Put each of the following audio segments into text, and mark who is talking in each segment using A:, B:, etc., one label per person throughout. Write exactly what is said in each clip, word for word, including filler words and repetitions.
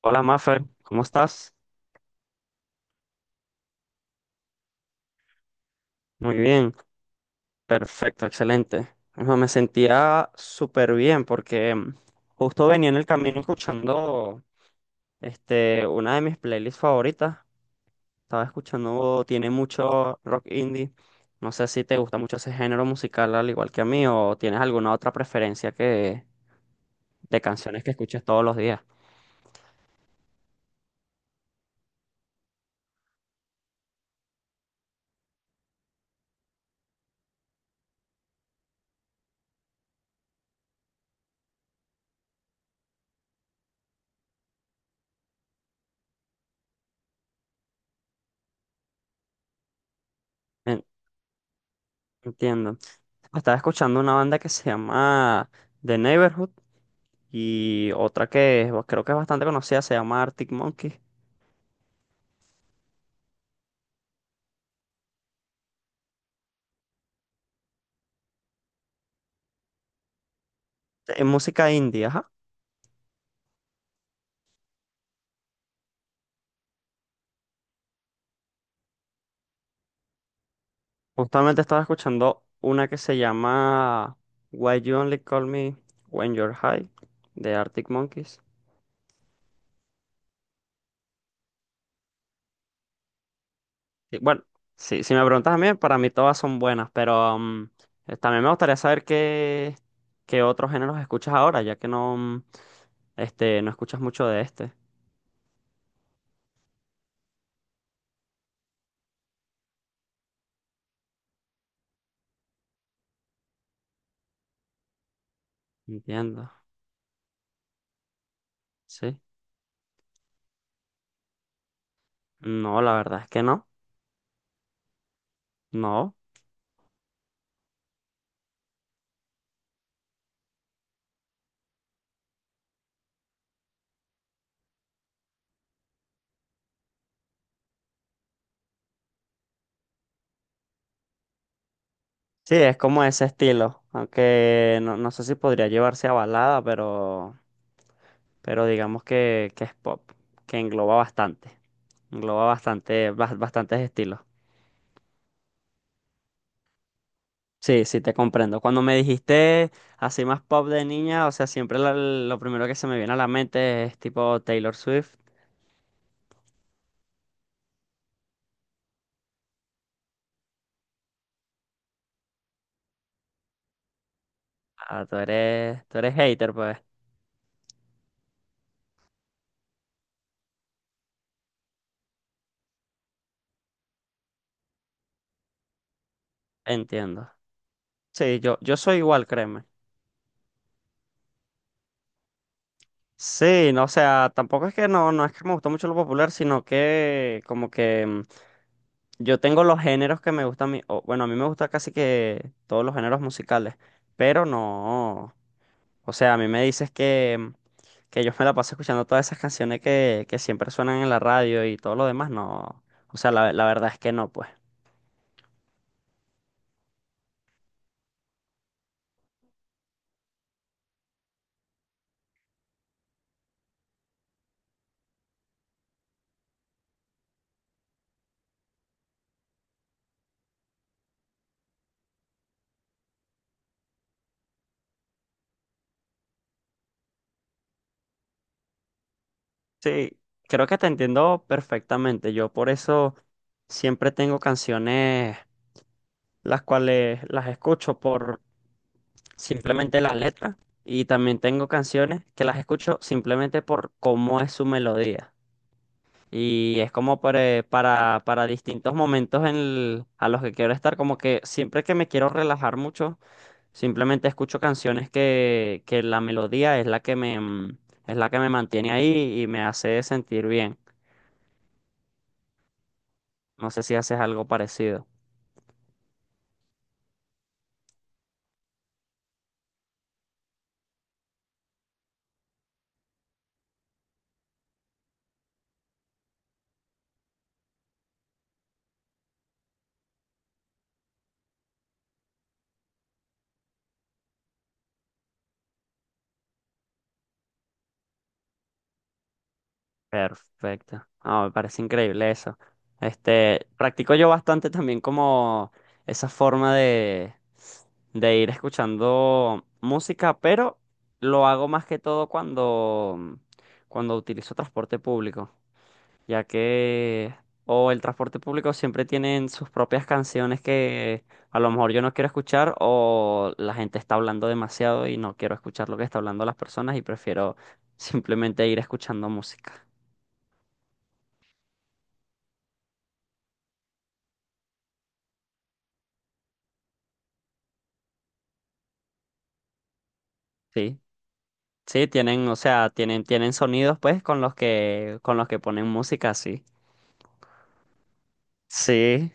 A: Hola Mafer, ¿cómo estás? Muy bien, perfecto, excelente. No, me sentía súper bien porque mm, justo venía en el camino escuchando este, una de mis playlists favoritas. Estaba escuchando, tiene mucho rock indie. ¿No sé si te gusta mucho ese género musical al igual que a mí o tienes alguna otra preferencia que, de canciones que escuches todos los días? Entiendo. Estaba escuchando una banda que se llama The Neighborhood y otra que es- creo que es bastante conocida, se llama Arctic Monkeys. Es música indie, ajá. Justamente estaba escuchando una que se llama Why You Only Call Me When You're High de Arctic Monkeys. Y bueno, sí, si me preguntas a mí, para mí todas son buenas, pero mm, eh, también me gustaría saber qué, qué otros géneros escuchas ahora, ya que no, mm, este, no escuchas mucho de este. Entiendo. Sí. No, la verdad es que no. No. Sí, es como ese estilo. Aunque no, no sé si podría llevarse a balada, pero, pero, digamos que, que es pop, que engloba bastante. Engloba bastante, bas- bastantes estilos. Sí, sí, te comprendo. Cuando me dijiste así más pop de niña, o sea, siempre la- lo primero que se me viene a la mente es tipo Taylor Swift. Ah, tú eres, tú eres hater, pues. Entiendo. Sí, yo, yo soy igual, créeme. Sí, no, o sea, tampoco es que no, no es que me gustó mucho lo popular, sino que como que mm, yo tengo los géneros que me gustan a mí, o, bueno, a mí me gusta casi que todos los géneros musicales, pero no, o sea, a mí me dices que, mm, que yo me la paso escuchando todas esas canciones que, que, siempre suenan en la radio y todo lo demás, no, o sea, la, la verdad es que no, pues. Sí, creo que te entiendo perfectamente, yo por eso siempre tengo canciones las cuales las escucho simplemente las letras y también tengo canciones que las escucho simplemente por cómo es su melodía. Y es como para, para, para distintos momentos en el- a los que quiero estar, como que siempre que me quiero relajar mucho, simplemente escucho canciones que, que, la melodía es la que me, mm, es la que me mantiene ahí y me hace sentir bien. No sé si haces algo parecido. Perfecto. Ah, me parece increíble eso. Este, practico yo bastante también como esa forma de, de ir escuchando música, pero lo hago más que todo cuando, cuando utilizo transporte público, ya que o el transporte público siempre tienen sus propias canciones que a lo mejor yo no quiero escuchar o la gente está hablando demasiado y no quiero escuchar lo que está hablando las personas y prefiero simplemente ir escuchando música. Sí. Sí, tienen, o sea, tienen, tienen sonidos pues con los que, con los que ponen música así. Sí.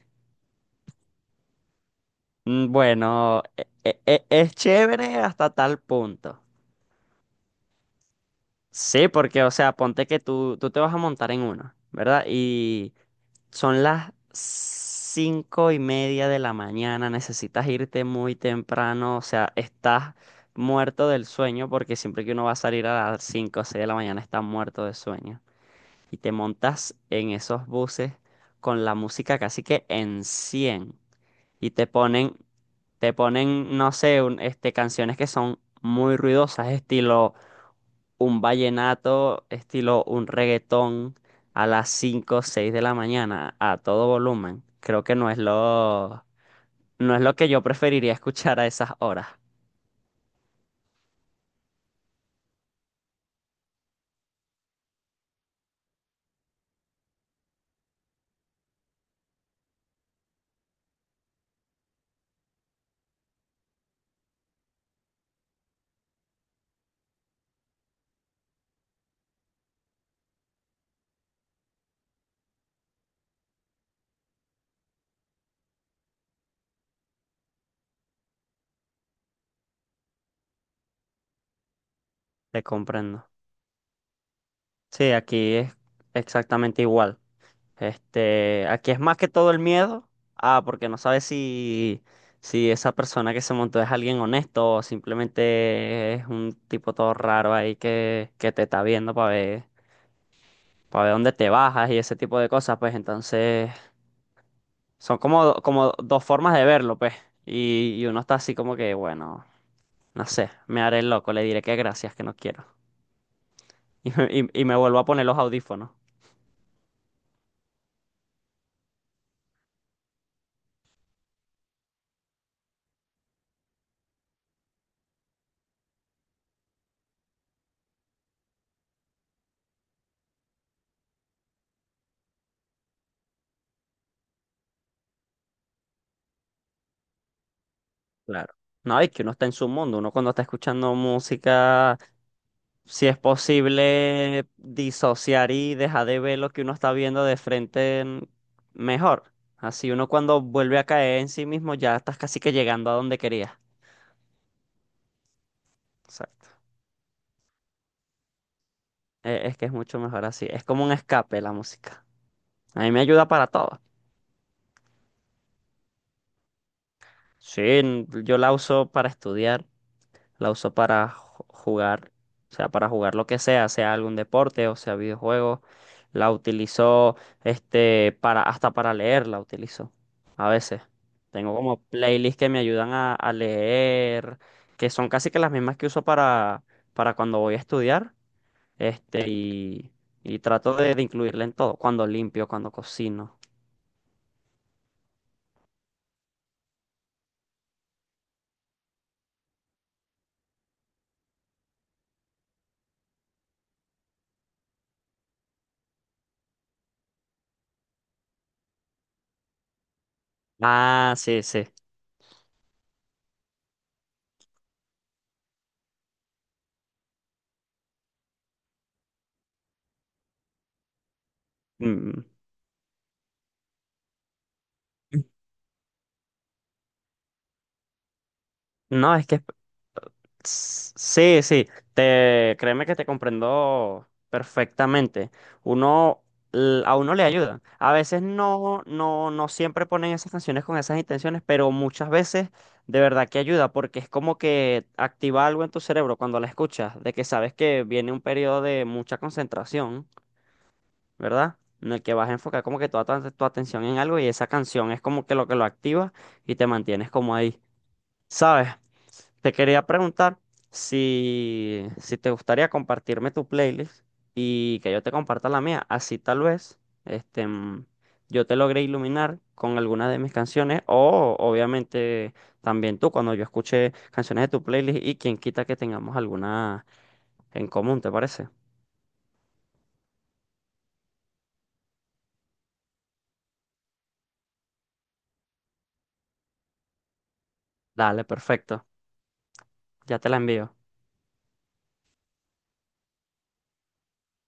A: Mm, Bueno, e- e- e- es chévere hasta tal punto. Sí, porque, o sea, ponte que tú, tú te vas a montar en uno, ¿verdad? Y son las cinco y media de la mañana, necesitas irte muy temprano, o sea, estás muerto del sueño porque siempre que uno va a salir a las cinco o seis de la mañana está muerto de sueño. Y te montas en esos buses con la música casi que en cien y te ponen, te ponen, no sé, un- este, canciones que son muy ruidosas, estilo un vallenato, estilo un reggaetón a las cinco o seis de la mañana a todo volumen. Creo que no es lo, no es lo que yo preferiría escuchar a esas horas. Te comprendo. Sí, aquí es exactamente igual. Este, aquí es más que todo el miedo. Ah, porque no sabes si, si esa persona que se montó es alguien honesto o simplemente es un tipo todo raro ahí que, que te está viendo para ver, para ver, dónde te bajas y ese tipo de cosas. Pues entonces son como, do- como dos formas de verlo, pues. Y, y uno está así como que, bueno, no sé, me haré el loco, le diré que gracias, que no quiero. Y, me- y, y me vuelvo a poner los audífonos. Claro. No, es que uno está en su mundo, uno cuando está escuchando música. Si es posible disociar y dejar de ver lo que uno está viendo de frente en- mejor. Así uno cuando vuelve a caer en sí mismo ya estás casi que llegando a donde querías. Exacto. Eh, es que es mucho mejor así. Es como un escape la música. A mí me ayuda para todo. Sí, n- yo la uso para estudiar. La uso para ju- jugar, o sea, para jugar lo que sea, sea algún deporte o sea videojuegos. La utilizo, este, para, hasta para leer la utilizo. A veces. Tengo como playlists que me ayudan a, a leer, que son casi que las mismas que uso para, para, cuando voy a estudiar. Este, y, y trato de, de incluirla en todo. Cuando limpio, cuando cocino. Ah, sí, sí. Mm. Mm. No, es que es. Sí, sí, te, créeme que te comprendo perfectamente. Uno, l- a uno le ayuda. A veces no, no, no siempre ponen esas canciones con esas intenciones, pero muchas veces de verdad que ayuda, porque es como que activa algo en tu cerebro cuando la escuchas, de que sabes que viene un periodo de mucha concentración, ¿verdad? En el que vas a enfocar como que toda tu tu atención en algo y esa canción es como que lo que lo activa y te mantienes como ahí, ¿sabes? Te quería preguntar si, si te gustaría compartirme tu playlist y que yo te comparta la mía. Así tal vez este, mm, yo te logré iluminar con algunas de mis canciones o obviamente también tú cuando yo escuché canciones de tu playlist y quien quita que tengamos alguna en común, ¿te parece? Dale, perfecto. Ya te la envío.